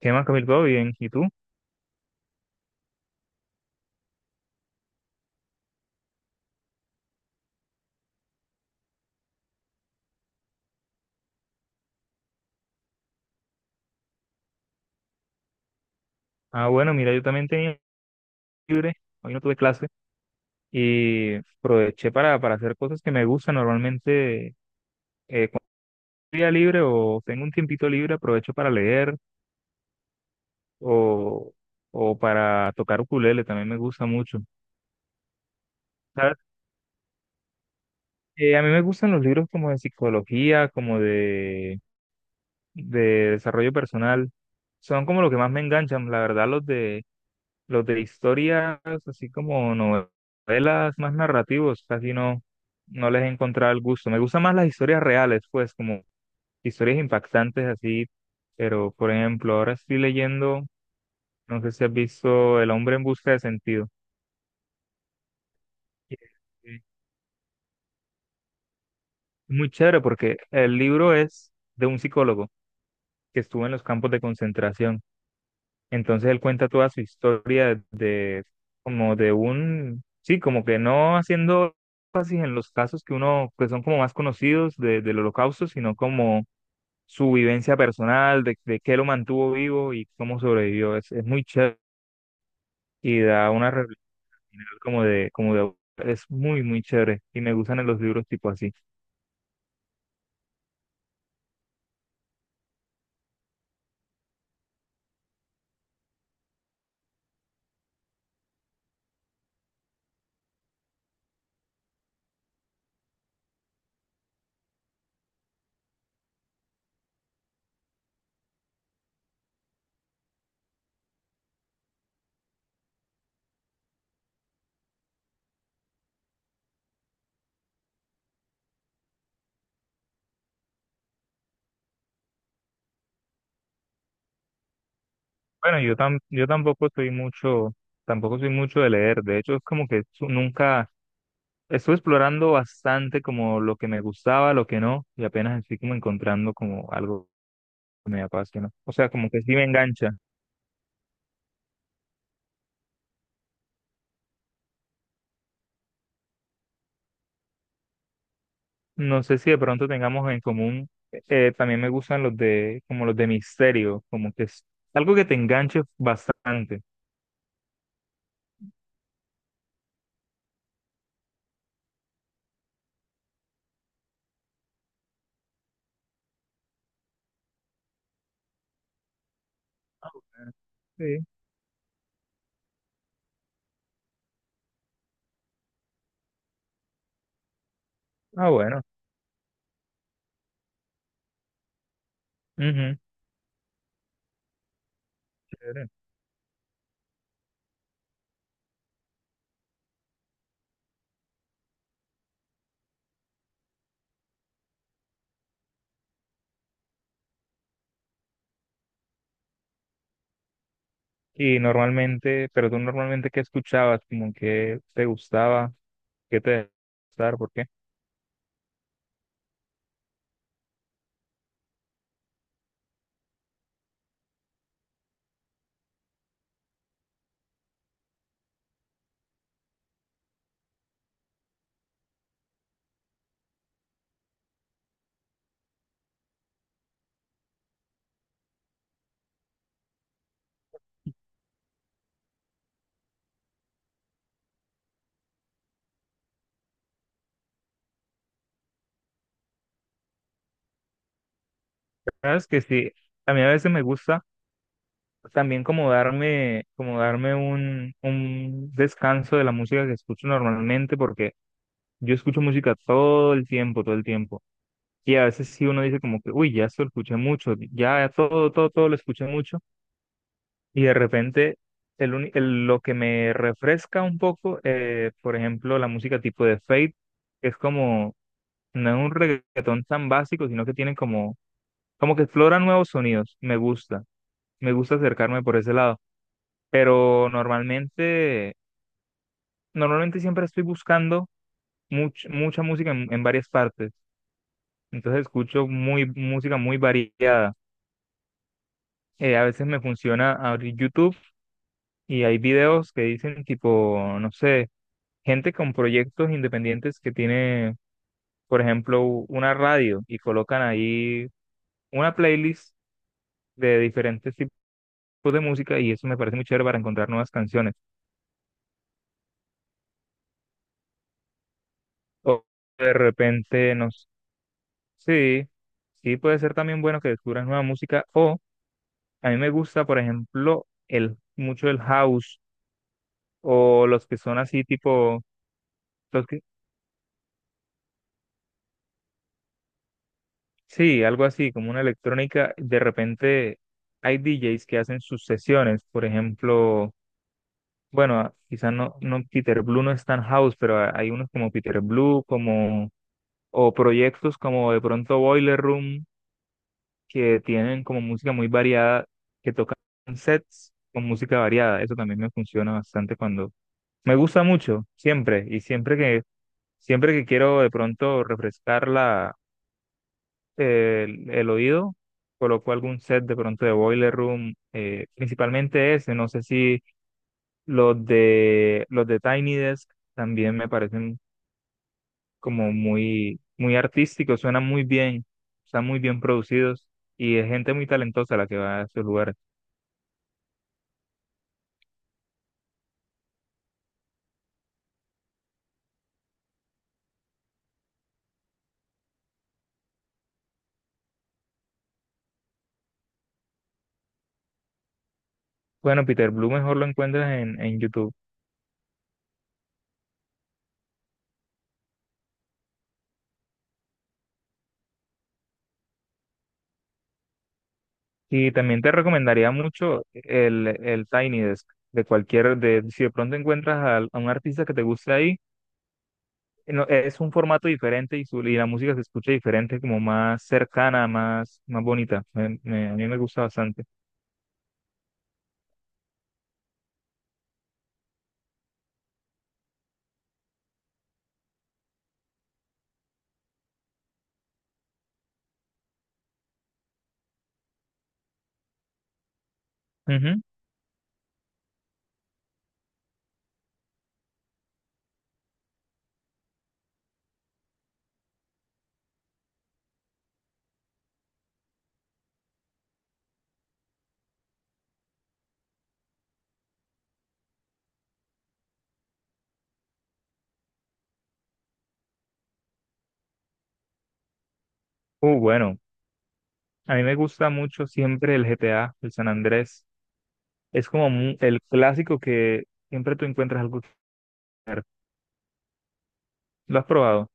¿Qué más, Camilo? ¿Todo bien? ¿Y tú? Ah, bueno, mira, yo también tenía libre, hoy no tuve clase y aproveché para hacer cosas que me gustan. Normalmente, cuando tengo día libre o tengo un tiempito libre, aprovecho para leer o, o para tocar ukulele, también me gusta mucho. ¿Sabes? A mí me gustan los libros como de psicología, como de desarrollo personal. Son como lo que más me enganchan, la verdad, los de historias, así como novelas más narrativos, casi no les he encontrado el gusto. Me gustan más las historias reales, pues, como historias impactantes así. Pero, por ejemplo, ahora estoy leyendo, no sé si has visto El hombre en busca de sentido. Sí. Muy chévere porque el libro es de un psicólogo que estuvo en los campos de concentración. Entonces él cuenta toda su historia de como de un, sí, como que no haciendo énfasis en los casos que uno, que son como más conocidos de, del holocausto, sino como su vivencia personal, de qué lo mantuvo vivo y cómo sobrevivió. Es muy chévere y da una reflexión como de, es muy, muy chévere y me gustan los libros tipo así. Bueno, yo tampoco soy mucho de leer, de hecho es como que nunca estuve explorando bastante como lo que me gustaba, lo que no, y apenas estoy como encontrando como algo que me apasiona. O sea, como que sí me engancha. No sé si de pronto tengamos en común, también me gustan los de, como los de misterio, como que es algo que te enganche bastante. Ah, bueno. Sí. Ah, bueno. Ujú, chévere. Y normalmente, pero tú normalmente ¿qué escuchabas, como que te gustaba, qué te gustaba, por qué? Sabes que sí, a mí a veces me gusta, también como darme un descanso de la música que escucho normalmente, porque yo escucho música todo el tiempo, todo el tiempo. Y a veces sí uno dice como que, uy, ya esto lo escuché mucho, ya todo, todo, todo lo escuché mucho. Y de repente lo que me refresca un poco, por ejemplo, la música tipo de Fate, que es como, no es un reggaetón tan básico, sino que tienen como, como que explora nuevos sonidos. Me gusta acercarme por ese lado. Pero normalmente siempre estoy buscando mucha música en varias partes, entonces escucho música muy variada. A veces me funciona abrir YouTube y hay videos que dicen tipo, no sé, gente con proyectos independientes que tiene, por ejemplo, una radio y colocan ahí una playlist de diferentes tipos de música y eso me parece muy chévere para encontrar nuevas canciones. O de repente, no. Sí, sí puede ser también bueno que descubras nueva música o a mí me gusta, por ejemplo, el mucho el house o los que son así tipo los que sí, algo así como una electrónica, de repente hay DJs que hacen sus sesiones, por ejemplo, bueno, quizás no, no Peter Blue no es tan house, pero hay unos como Peter Blue como, o proyectos como de pronto Boiler Room que tienen como música muy variada, que tocan sets con música variada. Eso también me funciona bastante cuando me gusta mucho, siempre, y siempre que quiero de pronto refrescar el oído, coloco algún set de pronto de Boiler Room, principalmente ese, no sé si los de Tiny Desk también me parecen como muy, muy artísticos, suenan muy bien, están muy bien producidos y es gente muy talentosa la que va a esos lugares. Bueno, Peter Blue mejor lo encuentras en YouTube. Y también te recomendaría mucho el Tiny Desk de cualquier, de, si de pronto encuentras un artista que te guste ahí, no, es un formato diferente y la música se escucha diferente, como más cercana, más, más bonita. A mí me gusta bastante. Ujú. Bueno, a mí me gusta mucho siempre el GTA, el San Andrés. Es como el clásico que siempre tú encuentras algo que hacer. Lo has probado,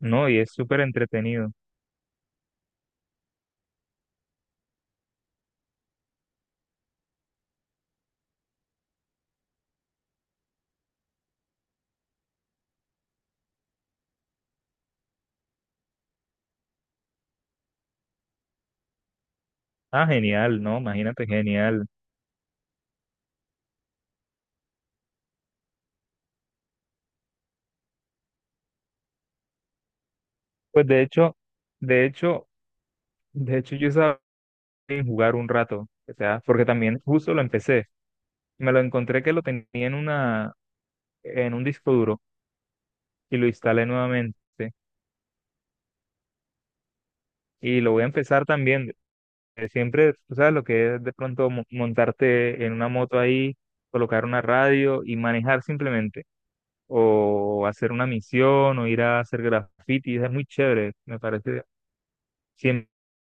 ¿no? Y es súper entretenido. Ah, genial, ¿no? Imagínate, genial. Pues de hecho, de hecho yo sabía jugar un rato, o sea, porque también justo lo empecé. Me lo encontré que lo tenía en un disco duro y lo instalé nuevamente, ¿sí? Y lo voy a empezar también. Siempre, tú sabes lo que es de pronto montarte en una moto ahí, colocar una radio y manejar simplemente o hacer una misión o ir a hacer graffiti, es muy chévere, me parece.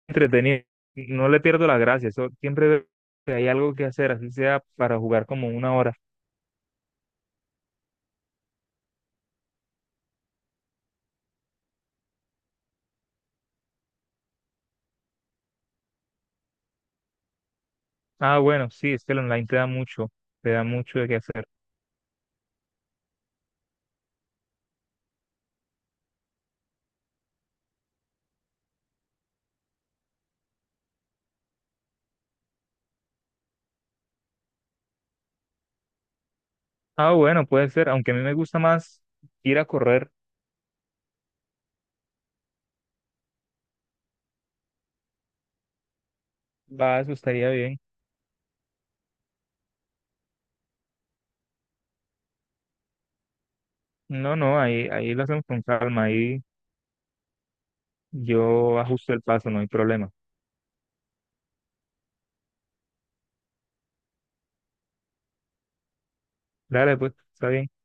Entretenido, no le pierdo la gracia, eso siempre veo que hay algo que hacer, así sea para jugar como una hora. Ah, bueno, sí, es que el online te da mucho, de qué hacer. Ah, bueno, puede ser, aunque a mí me gusta más ir a correr, va, eso estaría bien. No, no, ahí lo hacemos con calma, ahí yo ajusto el paso, no hay problema. Dale, pues, está bien.